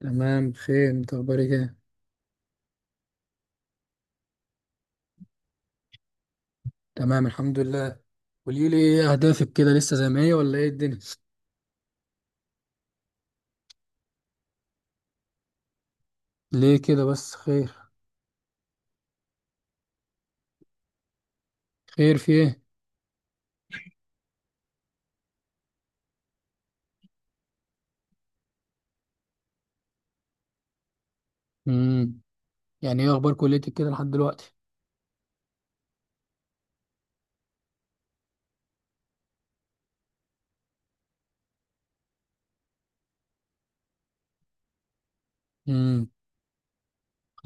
تمام، بخير. انت اخبارك ايه؟ تمام الحمد لله. قولي لي ايه اهدافك كده، لسه زي ما هي ولا ايه الدنيا؟ ليه كده بس، خير؟ خير في ايه؟ امم يعني ايه اخبار كليتك كده لحد دلوقتي؟ امم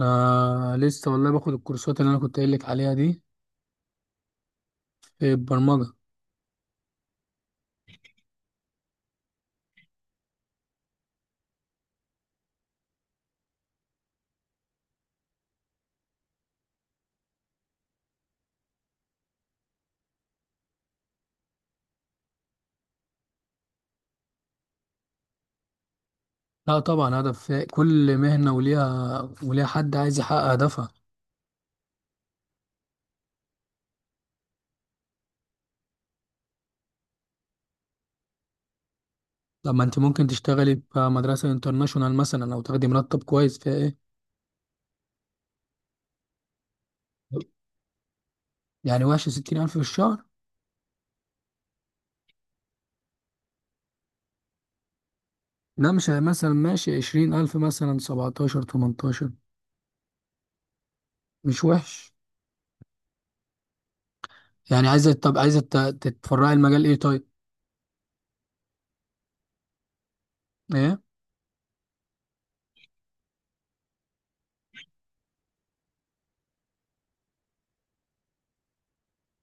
انا لسه والله باخد الكورسات اللي انا كنت قايل لك عليها دي في البرمجه. لا طبعا هدف، في كل مهنه وليها حد عايز يحقق هدفها. لما انت ممكن تشتغلي في مدرسه انترناشونال مثلا او تاخدي مرتب كويس فيها، ايه يعني وحش ستين الف في الشهر؟ لا، مش مثلا ماشي عشرين ألف، مثلا سبعتاشر تمنتاشر، مش وحش. يعني عايزة، طب عايزة تتفرعي المجال ايه طيب؟ ايه؟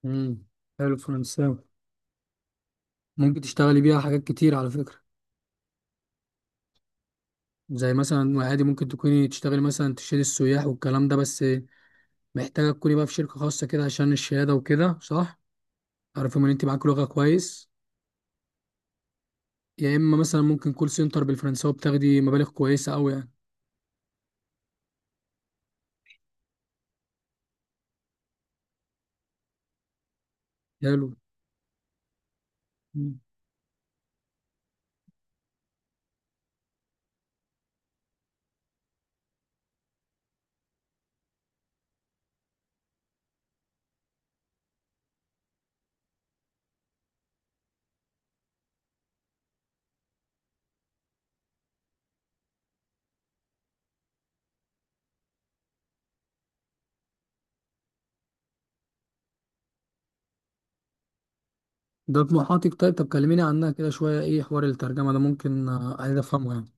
امم حلو الفرنساوي. ممكن تشتغلي بيها حاجات كتير على فكرة. زي مثلا عادي ممكن تكوني تشتغلي مثلا تشيلي السياح والكلام ده، بس محتاجة تكوني بقى في شركة خاصة كده عشان الشهادة وكده، صح؟ عارفهم ان انت معاكي لغة كويس. يا اما مثلا ممكن كول سنتر بالفرنساوي، بتاخدي مبالغ كويسة أوي يعني. حلو، ده طموحاتك طيب. طب كلميني عنها كده شوية، ايه حوار الترجمة ده؟ ممكن آه، عايز افهمه يعني.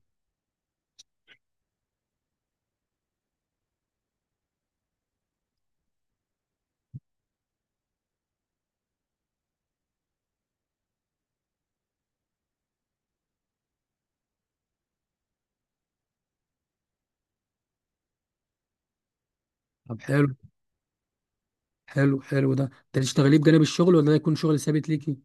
طب حلو ده، انت تشتغليه بجانب الشغل ولا ده يكون شغل ثابت ليكي؟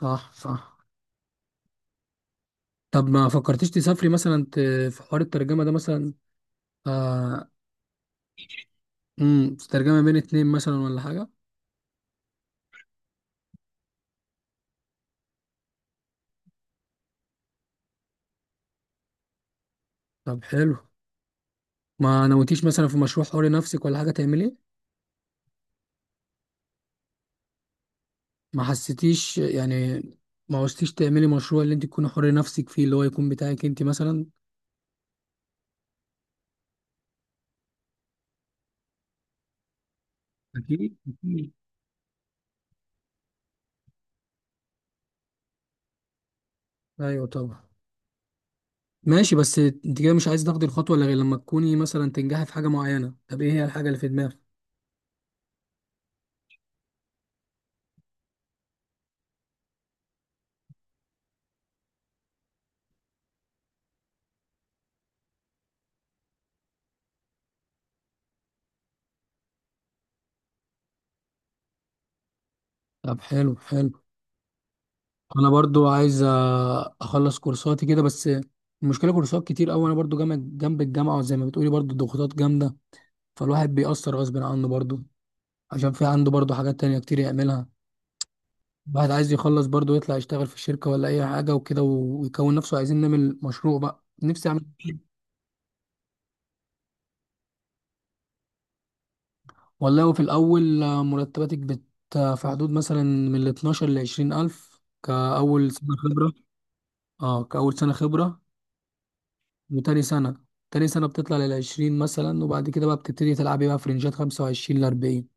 صح صح. طب ما فكرتيش تسافري مثلا، في حوار الترجمة ده مثلا؟ آه. ترجمة بين اتنين مثلا ولا حاجة؟ طب حلو. ما نويتيش مثلا في مشروع حر نفسك ولا حاجة تعمليه؟ ما حسيتيش يعني، ما عوزتيش تعملي مشروع اللي انت تكوني حر نفسك فيه، اللي هو يكون بتاعك انت مثلا؟ أكيد، أكيد، ايوه طبعا. ماشي، بس انت كده مش عايز تاخدي الخطوة الا غير لما تكوني مثلا تنجحي في حاجة معينة؟ طب ايه هي الحاجة اللي في دماغك؟ طب حلو حلو. انا برضو عايز اه، اخلص كورساتي كده، بس المشكلة كورسات كتير قوي، انا برضو جنب الجامعة، وزي ما بتقولي برضو الضغوطات جامدة، فالواحد بيأثر غصب عنه برضو، عشان في عنده برضو حاجات تانية كتير يعملها. الواحد عايز يخلص برضو، يطلع يشتغل في الشركة ولا اي حاجة وكده، ويكون نفسه، عايزين نعمل مشروع بقى، نفسي اعمل. والله وفي الأول آه، مرتباتك آه، في حدود مثلا من ال 12 ل 20 ألف كأول سنة خبرة. اه كأول سنة خبرة. وتاني سنة، تاني سنة بتطلع لل 20 مثلا، وبعد كده بقى بتبتدي تلعبي بقى في رينجات 25 ل 40.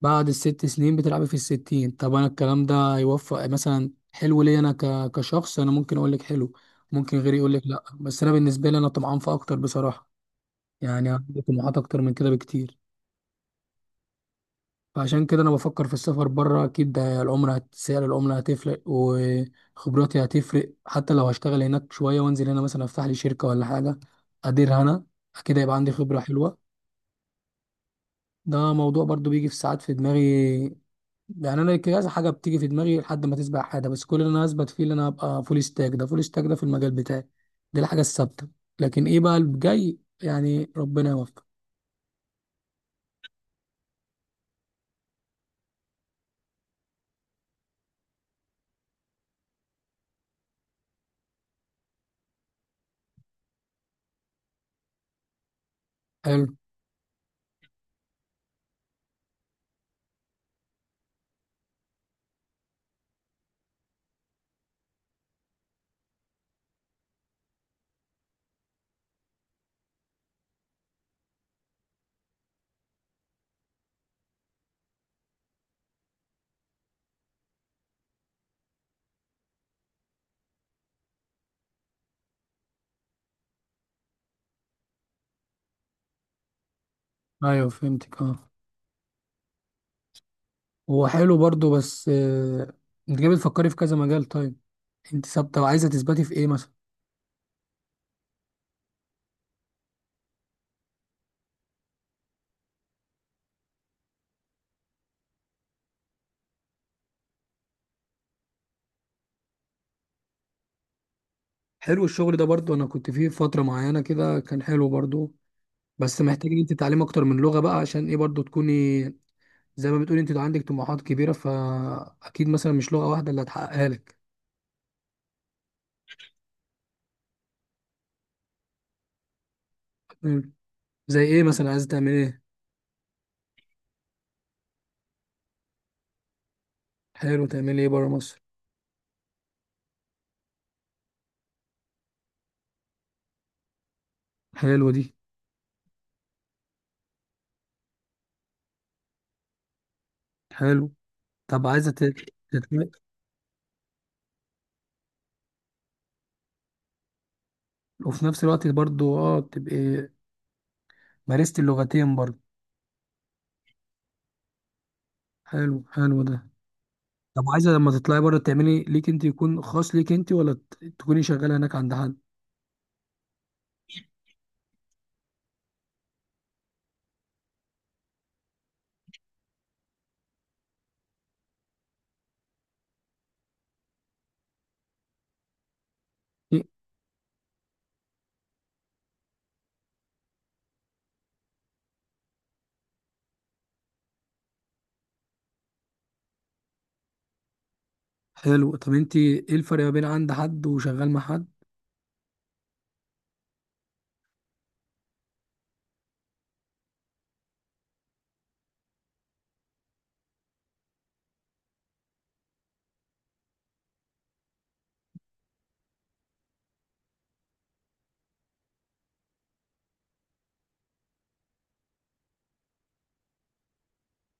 بعد الست سنين بتلعبي في الستين. طب أنا الكلام ده هيوفق مثلا حلو ليا؟ أنا كشخص أنا ممكن أقول لك حلو، ممكن غيري يقول لك لأ، بس أنا بالنسبة لي أنا طمعان في أكتر بصراحة. يعني عندي طموحات أكتر من كده بكتير. فعشان كده انا بفكر في السفر بره، اكيد ده العمله سعر العمله هتفرق، وخبراتي هتفرق، حتى لو هشتغل هناك شويه وانزل هنا مثلا افتح لي شركه ولا حاجه اديرها انا، اكيد هيبقى عندي خبره حلوه. ده موضوع برضو بيجي في ساعات في دماغي. يعني انا كذا حاجه بتيجي في دماغي لحد ما تسبق حاجه، بس كل اللي انا هثبت فيه اللي انا هبقى فول ستاك ده، فول ستاك ده في المجال بتاعي، دي الحاجه الثابته. لكن ايه بقى اللي جاي، يعني ربنا يوفق. حلو، ايوه فهمتك اه. هو حلو برضه بس آه، انت جاي بتفكري في كذا مجال، طيب انت ثابته وعايزه تثبتي في ايه مثلا؟ حلو، الشغل ده برضه انا كنت فيه فتره معينه كده، كان حلو برضه، بس محتاجه ان انت تتعلمي اكتر من لغه بقى، عشان ايه برضه تكوني، زي ما بتقولي انت عندك طموحات كبيره، فاكيد مثلا مش لغه واحده اللي هتحققها لك. مم. زي ايه مثلا، عايزه تعملي ايه؟ حلو، تعملي ايه بره مصر؟ حلو دي. حلو. طب عايزه تت... وفي نفس الوقت برضه اه تبقي مارستي اللغتين برضه. حلو حلو ده. طب عايزه لما تطلعي بره تعملي ليك انت، يكون خاص ليك انت، ولا تكوني شغاله هناك عند حد؟ إيه؟ حلو. طب انت ايه الفرق ما بين عند حد وشغال مع حد؟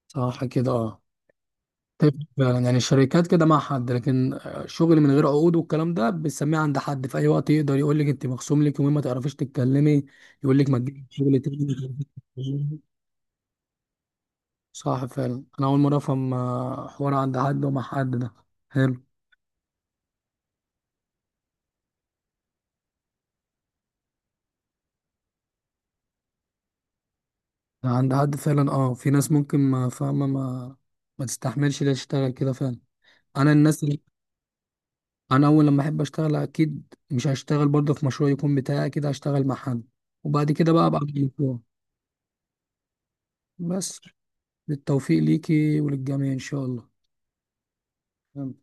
صح كده اه. تفرق فعلا. يعني الشركات كده مع حد، لكن آه، شغل من غير عقود والكلام ده بنسميه عند حد، في اي وقت يقدر يقول لك انت مخصوم لك يومين ما تعرفيش تتكلمي، يقول لك ما تجيبي شغل تاني ما تعرفيش تتكلمي. صح فعلا، انا اول مره افهم آه، حوار عند حد ومع حد ده. حلو. عند حد فعلا اه، في ناس ممكن ما فاهمه ما ما تستحملش ليه تشتغل كده فعلا. انا الناس اللي، انا اول لما احب اشتغل اكيد مش هشتغل برضه في مشروع يكون بتاعي، اكيد هشتغل مع حد، وبعد كده بقى ابقى طبعا بالمشروع. بس بالتوفيق ليكي وللجميع ان شاء الله. تمام.